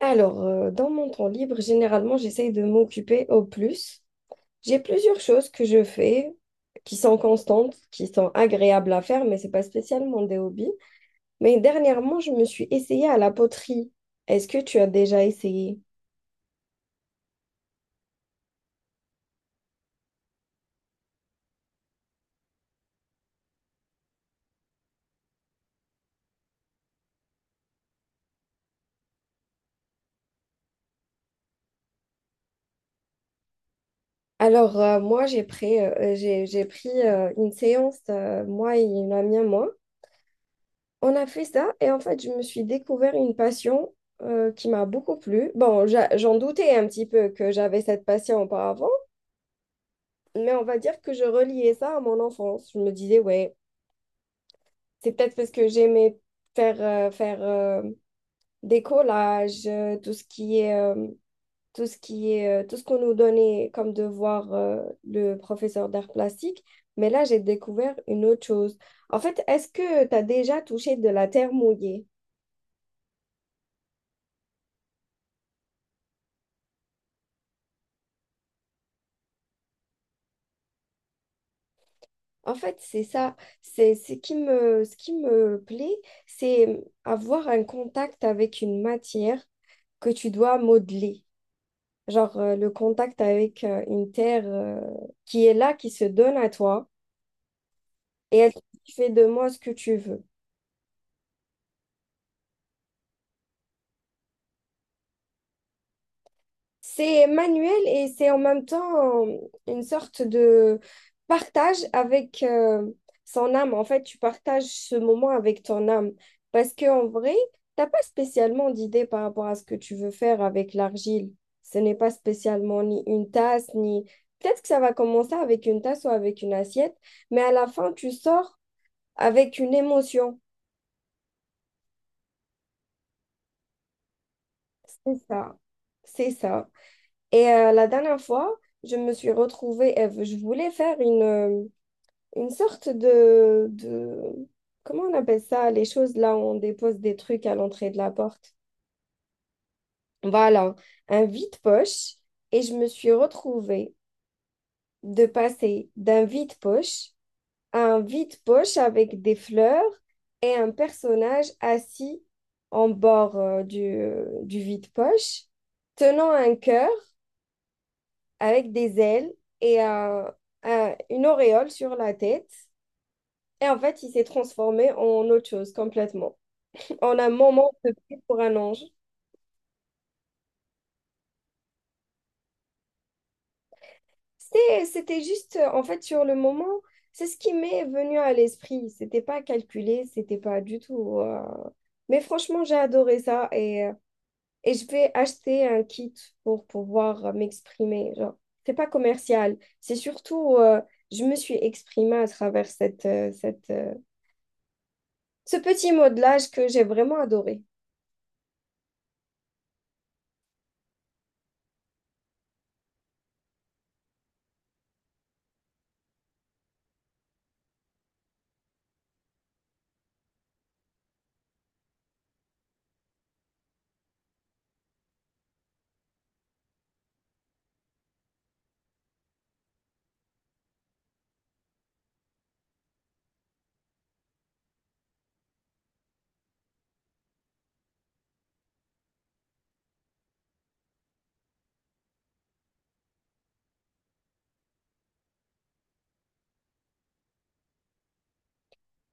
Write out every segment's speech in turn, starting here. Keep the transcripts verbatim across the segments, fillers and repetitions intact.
Alors, euh, dans mon temps libre, généralement, j'essaye de m'occuper au plus. J'ai plusieurs choses que je fais qui sont constantes, qui sont agréables à faire, mais c'est pas spécialement des hobbies. Mais dernièrement, je me suis essayée à la poterie. Est-ce que tu as déjà essayé? Alors, euh, moi, j'ai pris, euh, euh, j'ai, j'ai pris euh, une séance, euh, moi et une amie à moi. On a fait ça et en fait, je me suis découvert une passion euh, qui m'a beaucoup plu. Bon, j'a- j'en doutais un petit peu que j'avais cette passion auparavant, mais on va dire que je reliais ça à mon enfance. Je me disais, ouais, c'est peut-être parce que j'aimais faire, euh, faire euh, des collages, euh, tout ce qui est, euh, tout ce qui est, euh, tout ce qu'on nous donnait comme devoir, euh, le professeur d'art plastique. Mais là, j'ai découvert une autre chose. En fait, est-ce que tu as déjà touché de la terre mouillée? En fait, c'est ça. C'est, c'est qui me, ce qui me plaît, c'est avoir un contact avec une matière que tu dois modeler. Genre euh, le contact avec euh, une terre euh, qui est là, qui se donne à toi, et elle te dit, fais de moi ce que tu veux. C'est manuel et c'est en même temps euh, une sorte de partage avec euh, son âme. En fait, tu partages ce moment avec ton âme, parce qu'en vrai, t'as pas spécialement d'idée par rapport à ce que tu veux faire avec l'argile. Ce n'est pas spécialement ni une tasse, ni... Peut-être que ça va commencer avec une tasse ou avec une assiette, mais à la fin, tu sors avec une émotion. C'est ça, c'est ça. Et euh, la dernière fois, je me suis retrouvée, Eve, je voulais faire une, euh, une sorte de, de... Comment on appelle ça? Les choses là où on dépose des trucs à l'entrée de la porte. Voilà, un vide-poche. Et je me suis retrouvée de passer d'un vide-poche un vide-poche avec des fleurs et un personnage assis en bord euh, du, euh, du vide-poche, tenant un cœur avec des ailes et un- un- une auréole sur la tête. Et en fait, il s'est transformé en autre chose complètement, en un moment de pluie pour un ange. C'était, c'était juste, euh, en fait, sur le moment, c'est ce qui m'est venu à l'esprit. C'était pas calculé, c'était pas du tout. euh, Mais franchement, j'ai adoré ça et euh, et je vais acheter un kit pour pouvoir euh, m'exprimer. Genre, c'est pas commercial, c'est surtout euh, je me suis exprimée à travers cette, euh, cette, euh, ce petit modelage que j'ai vraiment adoré.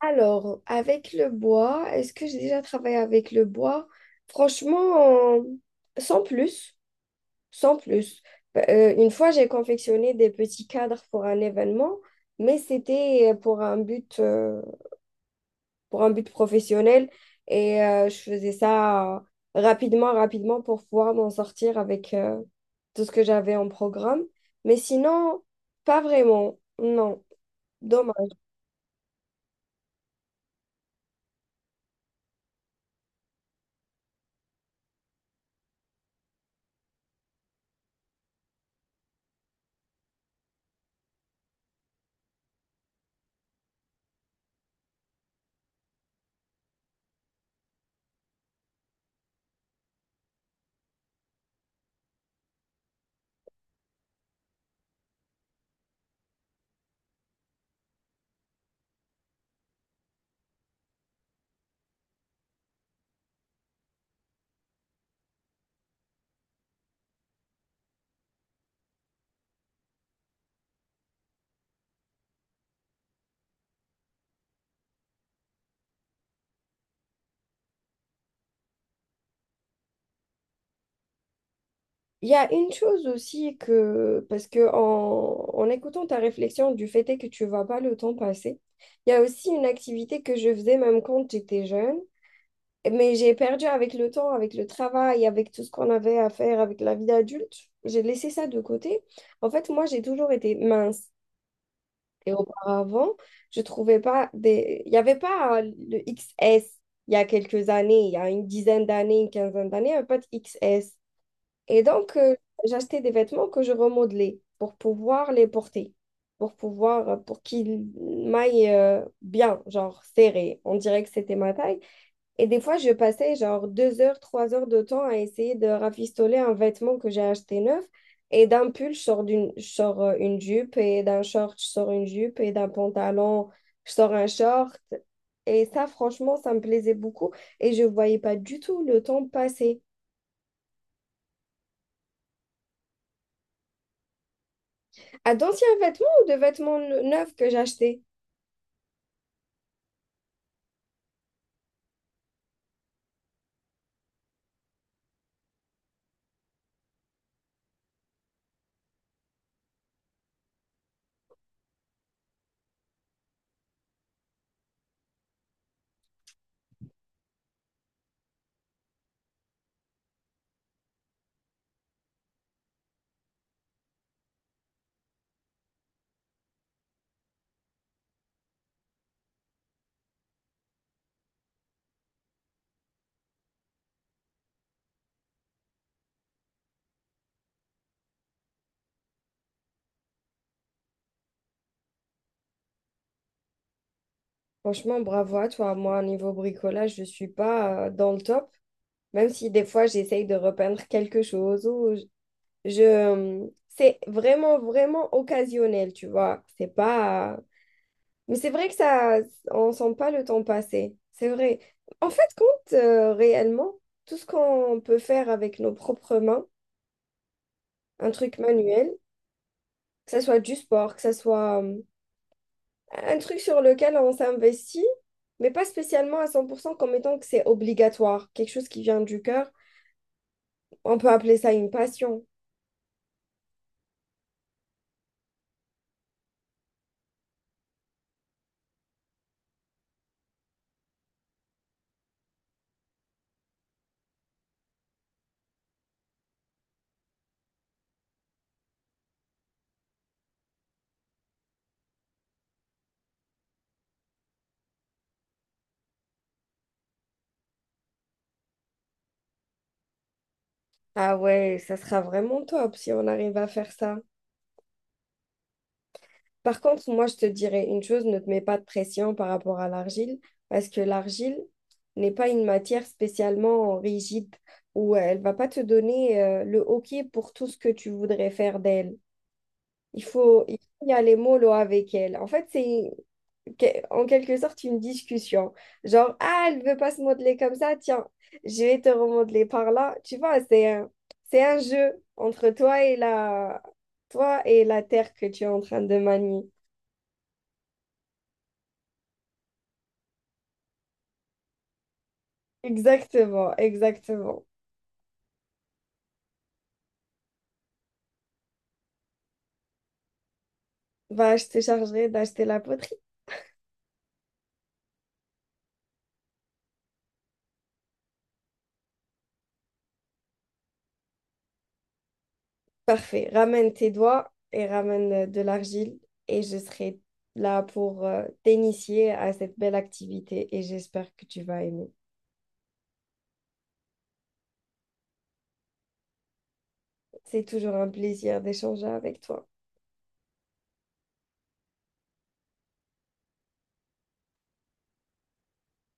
Alors, avec le bois, est-ce que j'ai déjà travaillé avec le bois? Franchement, euh, sans plus, sans plus. Bah, Euh, une fois, j'ai confectionné des petits cadres pour un événement, mais c'était pour un but, euh, pour un but professionnel. Et euh, je faisais ça euh, rapidement, rapidement pour pouvoir m'en sortir avec euh, tout ce que j'avais en programme. Mais sinon, pas vraiment. Non, dommage. Il y a une chose aussi que, parce que en, en écoutant ta réflexion du fait est que tu vois pas le temps passer, il y a aussi une activité que je faisais même quand j'étais jeune. Mais j'ai perdu avec le temps, avec le travail, avec tout ce qu'on avait à faire, avec la vie d'adulte. J'ai laissé ça de côté. En fait, moi, j'ai toujours été mince. Et auparavant, je trouvais pas des... Il n'y avait pas euh, le X S il y a quelques années, il y a une dizaine d'années, une quinzaine d'années, il n'y avait pas de X S. Et donc, euh, j'achetais des vêtements que je remodelais pour pouvoir les porter, pour pouvoir, euh, pour qu'ils m'aillent euh, bien, genre serré. On dirait que c'était ma taille. Et des fois, je passais genre deux heures, trois heures de temps à essayer de rafistoler un vêtement que j'ai acheté neuf. Et d'un pull, je sors d'une, je sors euh, une jupe, et d'un short, je sors une jupe, et d'un pantalon, je sors un short. Et ça, franchement, ça me plaisait beaucoup. Et je ne voyais pas du tout le temps passer. À d'anciens vêtements ou de vêtements ne- neufs que j'achetais? Franchement, bravo à toi. Moi, niveau bricolage, je ne suis pas euh, dans le top. Même si des fois, j'essaye de repeindre quelque chose ou Je, euh, c'est vraiment, vraiment occasionnel, tu vois. C'est pas... Mais c'est vrai que ça, on sent pas le temps passer. C'est vrai. En fait, compte euh, réellement, tout ce qu'on peut faire avec nos propres mains, un truc manuel, que ce soit du sport, que ce soit euh, un truc sur lequel on s'investit, mais pas spécialement à cent pour cent comme étant que c'est obligatoire, quelque chose qui vient du cœur, on peut appeler ça une passion. Ah ouais, ça sera vraiment top si on arrive à faire ça. Par contre, moi, je te dirais une chose, ne te mets pas de pression par rapport à l'argile, parce que l'argile n'est pas une matière spécialement rigide où elle va pas te donner euh, le OK pour tout ce que tu voudrais faire d'elle. Il faut, il faut y aller mollo avec elle. En fait, c'est que- en quelque sorte une discussion. Genre, ah, elle veut pas se modeler comme ça, tiens, je vais te remodeler par là. Tu vois, c'est un, c'est un jeu entre toi et la, toi et la terre que tu es en train de manier. Exactement, exactement. Bah, je te chargerai d'acheter la poterie. Parfait. Ramène tes doigts et ramène euh, de l'argile et je serai là pour euh, t'initier à cette belle activité et j'espère que tu vas aimer. C'est toujours un plaisir d'échanger avec toi.